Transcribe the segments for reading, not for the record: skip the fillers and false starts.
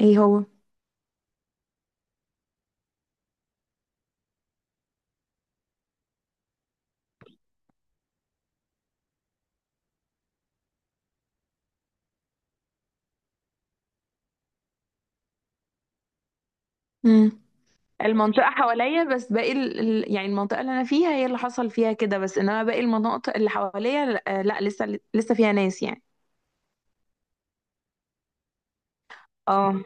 ايه هو؟ امم. المنطقة حواليا بس، باقي يعني المنطقة اللي أنا فيها هي اللي حصل فيها كده بس، إنما باقي المناطق اللي حواليا لأ, لأ لسه لسه فيها ناس يعني. اه.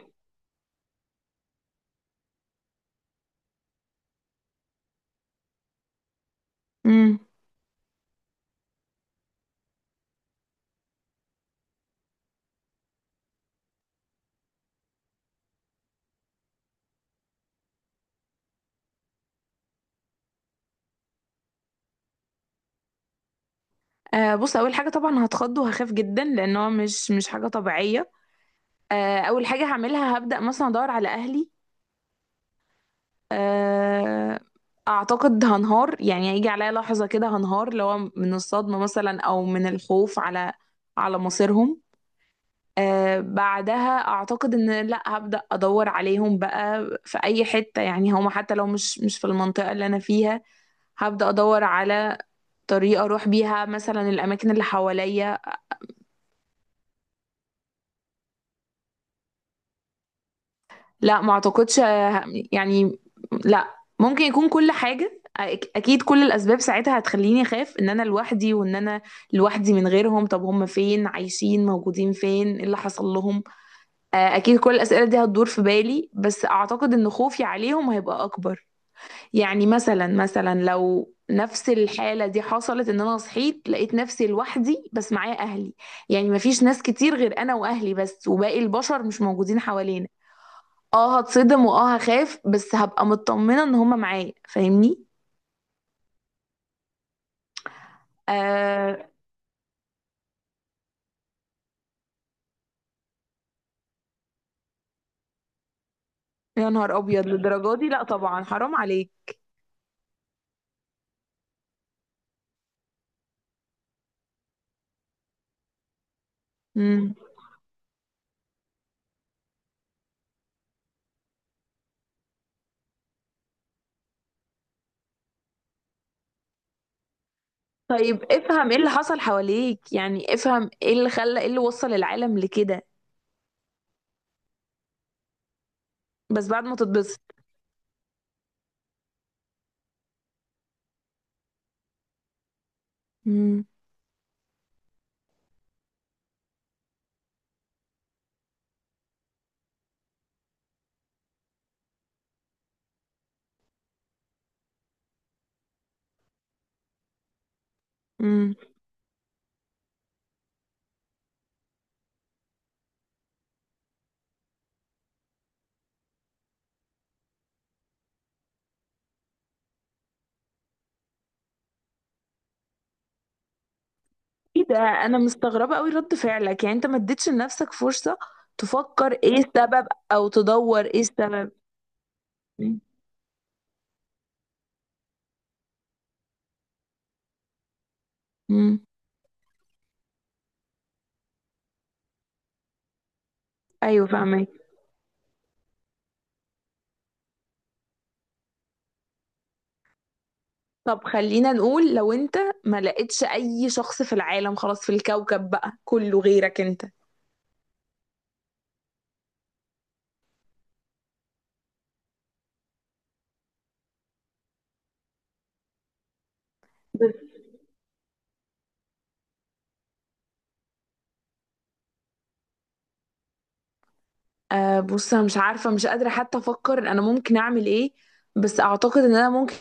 امم. آه، بص أول حاجة طبعا هتخض وهخاف جدا، لأن هو مش حاجة طبيعية. آه، أول حاجة هعملها هبدأ مثلا أدور على أهلي. آه. أعتقد هنهار، يعني هيجي عليا لحظة كده هنهار، اللي هو من الصدمة مثلا أو من الخوف على مصيرهم. آه، بعدها اعتقد ان لا، هبدأ ادور عليهم بقى في اي حتة، يعني هما حتى لو مش في المنطقة اللي انا فيها. هبدأ ادور على طريقة اروح بيها مثلا الاماكن اللي حواليا. لا، ما اعتقدش. آه، يعني لا، ممكن يكون كل حاجة اكيد كل الاسباب ساعتها هتخليني اخاف ان انا لوحدي وان انا لوحدي من غيرهم. طب هم فين؟ عايشين موجودين فين؟ ايه اللي حصل لهم؟ آه، اكيد كل الاسئلة دي هتدور في بالي، بس اعتقد ان خوفي عليهم هيبقى اكبر. يعني مثلا، مثلا لو نفس الحالة دي حصلت ان انا صحيت لقيت نفسي لوحدي بس معايا اهلي، يعني مفيش ناس كتير غير انا واهلي بس، وباقي البشر مش موجودين حوالينا، اه هتصدم واه هخاف، بس هبقى مطمنة ان هما معايا. فاهمني؟ آه. يا نهار ابيض، للدرجة دي؟ لا طبعا، حرام عليك. مم. طيب، افهم ايه اللي حصل حواليك، يعني افهم ايه اللي خلى، ايه اللي وصل العالم لكده. بس بعد ما تتبسط. مم. مم. ايه ده؟ انا مستغربه قوي رد فعلك، يعني انت ما اديتش لنفسك فرصه تفكر ايه السبب او تدور ايه السبب. امم. ايوه فاهمك. طب خلينا نقول لو انت ما لقيتش اي شخص في العالم خلاص، في الكوكب بقى كله غيرك انت. بس. آه، بص انا مش عارفه، مش قادره حتى افكر انا ممكن اعمل ايه، بس اعتقد ان انا ممكن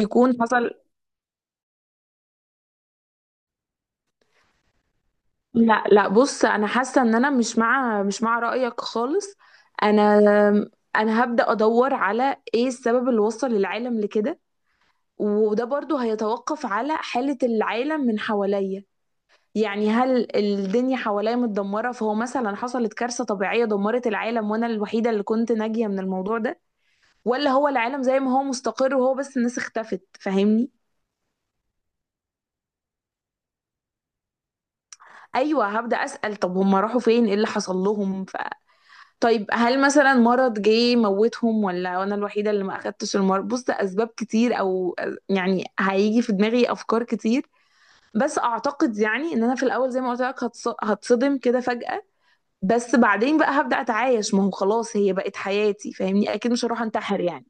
يكون حصل. لا لا، بص انا حاسه ان انا مش مع رايك خالص. انا. انا هبدا ادور على ايه السبب اللي وصل العالم لكده، وده برضو هيتوقف على حاله العالم من حواليا. يعني هل الدنيا حواليا متدمره، فهو مثلا حصلت كارثه طبيعيه دمرت العالم وانا الوحيده اللي كنت ناجيه من الموضوع ده، ولا هو العالم زي ما هو مستقر وهو بس الناس اختفت؟ فاهمني؟ ايوه، هبدا اسال طب هم راحوا فين؟ ايه اللي حصل لهم؟ طيب هل مثلا مرض جه موتهم، ولا انا الوحيده اللي ما اخدتش المرض؟ بص ده اسباب كتير، او يعني هيجي في دماغي افكار كتير. بس اعتقد يعني ان انا في الاول زي ما قلت لك هتصدم كده فجأة. بس بعدين بقى هبدأ اتعايش، ما هو خلاص هي بقت حياتي. فاهمني؟ اكيد مش هروح انتحر يعني.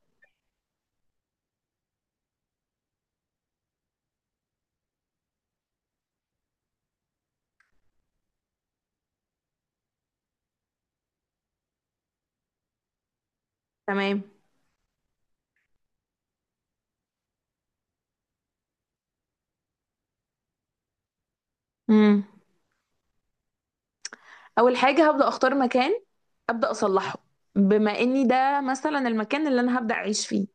تمام. امم. اول حاجه هبدأ اختار مكان، ابدأ اصلحه. بما اني ده مثلا المكان اللي انا هبدأ اعيش فيه،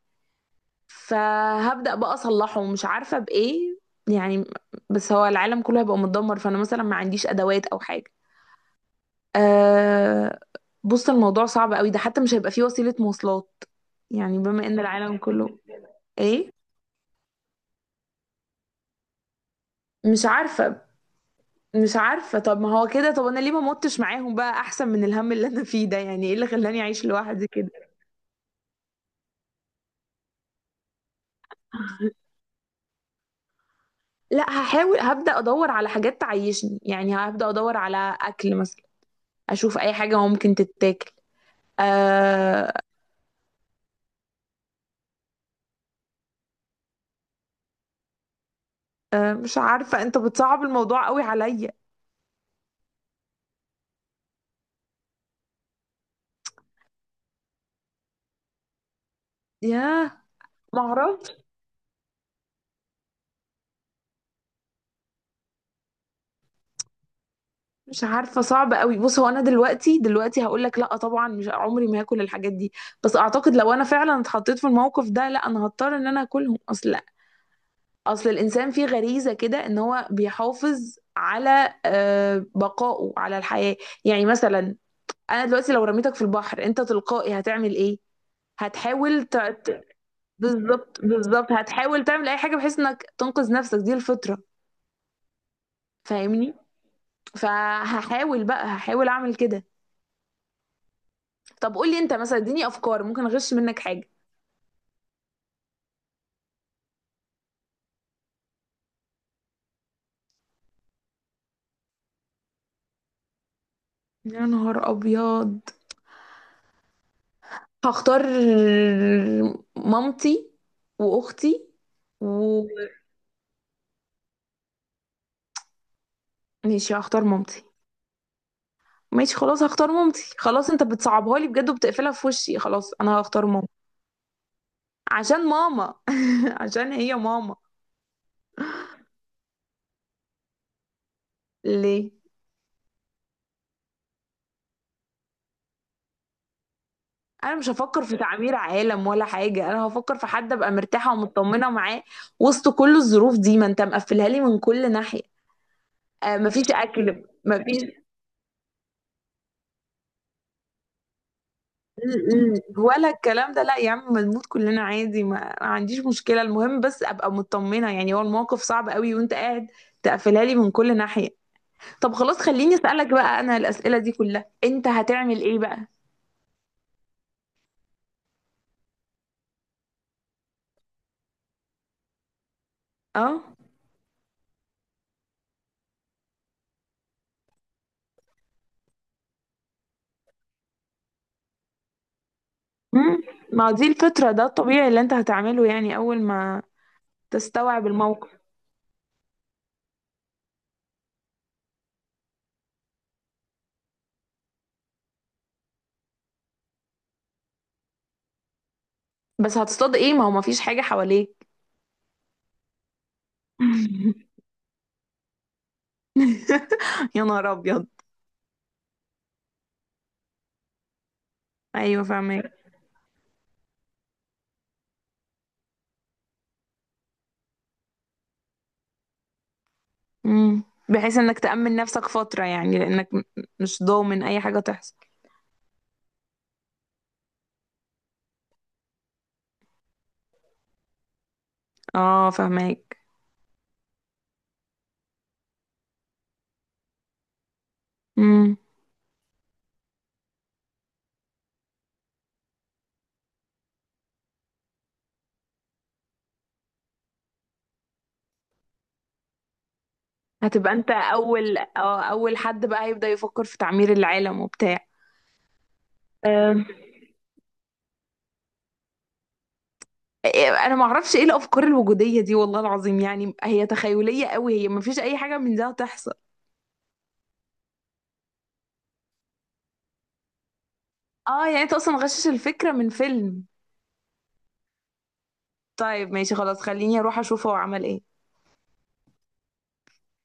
فهبدأ بقى اصلحه، ومش عارفة بايه. يعني، بس هو العالم كله هيبقى متدمر، فانا مثلا ما عنديش ادوات او حاجة. أه. بص الموضوع صعب قوي ده، حتى مش هيبقى فيه وسيلة مواصلات. يعني بما ان العالم كله. ايه؟ مش عارفة. مش عارفة، طب ما هو كده، طب انا ليه ما متش معاهم بقى احسن من الهم اللي انا فيه ده؟ يعني ايه اللي خلاني اعيش لوحدي كده؟ لا، هحاول هبدأ ادور على حاجات تعيشني، يعني هبدأ ادور على اكل مثلا، اشوف اي حاجة ممكن تتاكل. أه. آه، مش عارفة، انت بتصعب الموضوع قوي عليا. ياه. معرفش. مش عارفة، صعب قوي. بص هو انا دلوقتي هقول لك لا طبعا، مش عمري ما هاكل الحاجات دي. بس اعتقد لو انا فعلا اتحطيت في الموقف ده، لا انا هضطر ان انا اكلهم. اصل، اصل الانسان فيه غريزة كده ان هو بيحافظ على آه، بقائه على الحياة. يعني مثلا، انا دلوقتي لو رميتك في البحر انت تلقائي هتعمل ايه؟ هتحاول بالظبط، بالظبط، هتحاول تعمل اي حاجة بحيث انك تنقذ نفسك، دي الفطرة. فاهمني؟ فهحاول بقى، هحاول اعمل كده. طب قولي انت مثلا، اديني افكار ممكن اغش منك حاجة. يا نهار ابيض. هختار مامتي واختي. و. ماشي، هختار مامتي. ماشي خلاص هختار مامتي، خلاص انت بتصعبها لي بجد وبتقفلها في وشي. خلاص انا هختار ماما. عشان ماما. عشان هي ماما. ليه؟ انا مش هفكر في تعمير عالم ولا حاجه، انا هفكر في حد ابقى مرتاحه ومطمنه معاه وسط كل الظروف دي. ما انت مقفلها لي من كل ناحيه. آه، مفيش اكل، مفيش ولا الكلام ده. لا يا عم، ما نموت كلنا عادي، ما عنديش مشكله، المهم بس ابقى مطمنه. يعني هو الموقف صعب قوي وانت قاعد تقفلها لي من كل ناحيه. طب خلاص، خليني اسالك بقى، انا الاسئله دي كلها انت هتعمل ايه بقى؟ اه. امم. ما هو دي الفطره، ده الطبيعي اللي انت هتعمله، يعني اول ما تستوعب الموقف. بس هتصطاد ايه؟ ما هو مفيش حاجه حواليك. يا نهار ابيض. ايوه فاهمك. امم. بحيث انك تأمن نفسك فترة، يعني لانك مش ضامن اي حاجة تحصل. اه فهماك. امم. هتبقى انت اول اه اول حد بقى هيبدأ يفكر في تعمير العالم وبتاع. أم. انا ما اعرفش ايه الافكار الوجودية دي والله العظيم، يعني هي تخيلية قوي، هي ما فيش اي حاجة من ده هتحصل. اه يعني انت اصلا غشش الفكرة من فيلم. طيب ماشي خلاص، خليني اروح اشوف هو عمل ايه.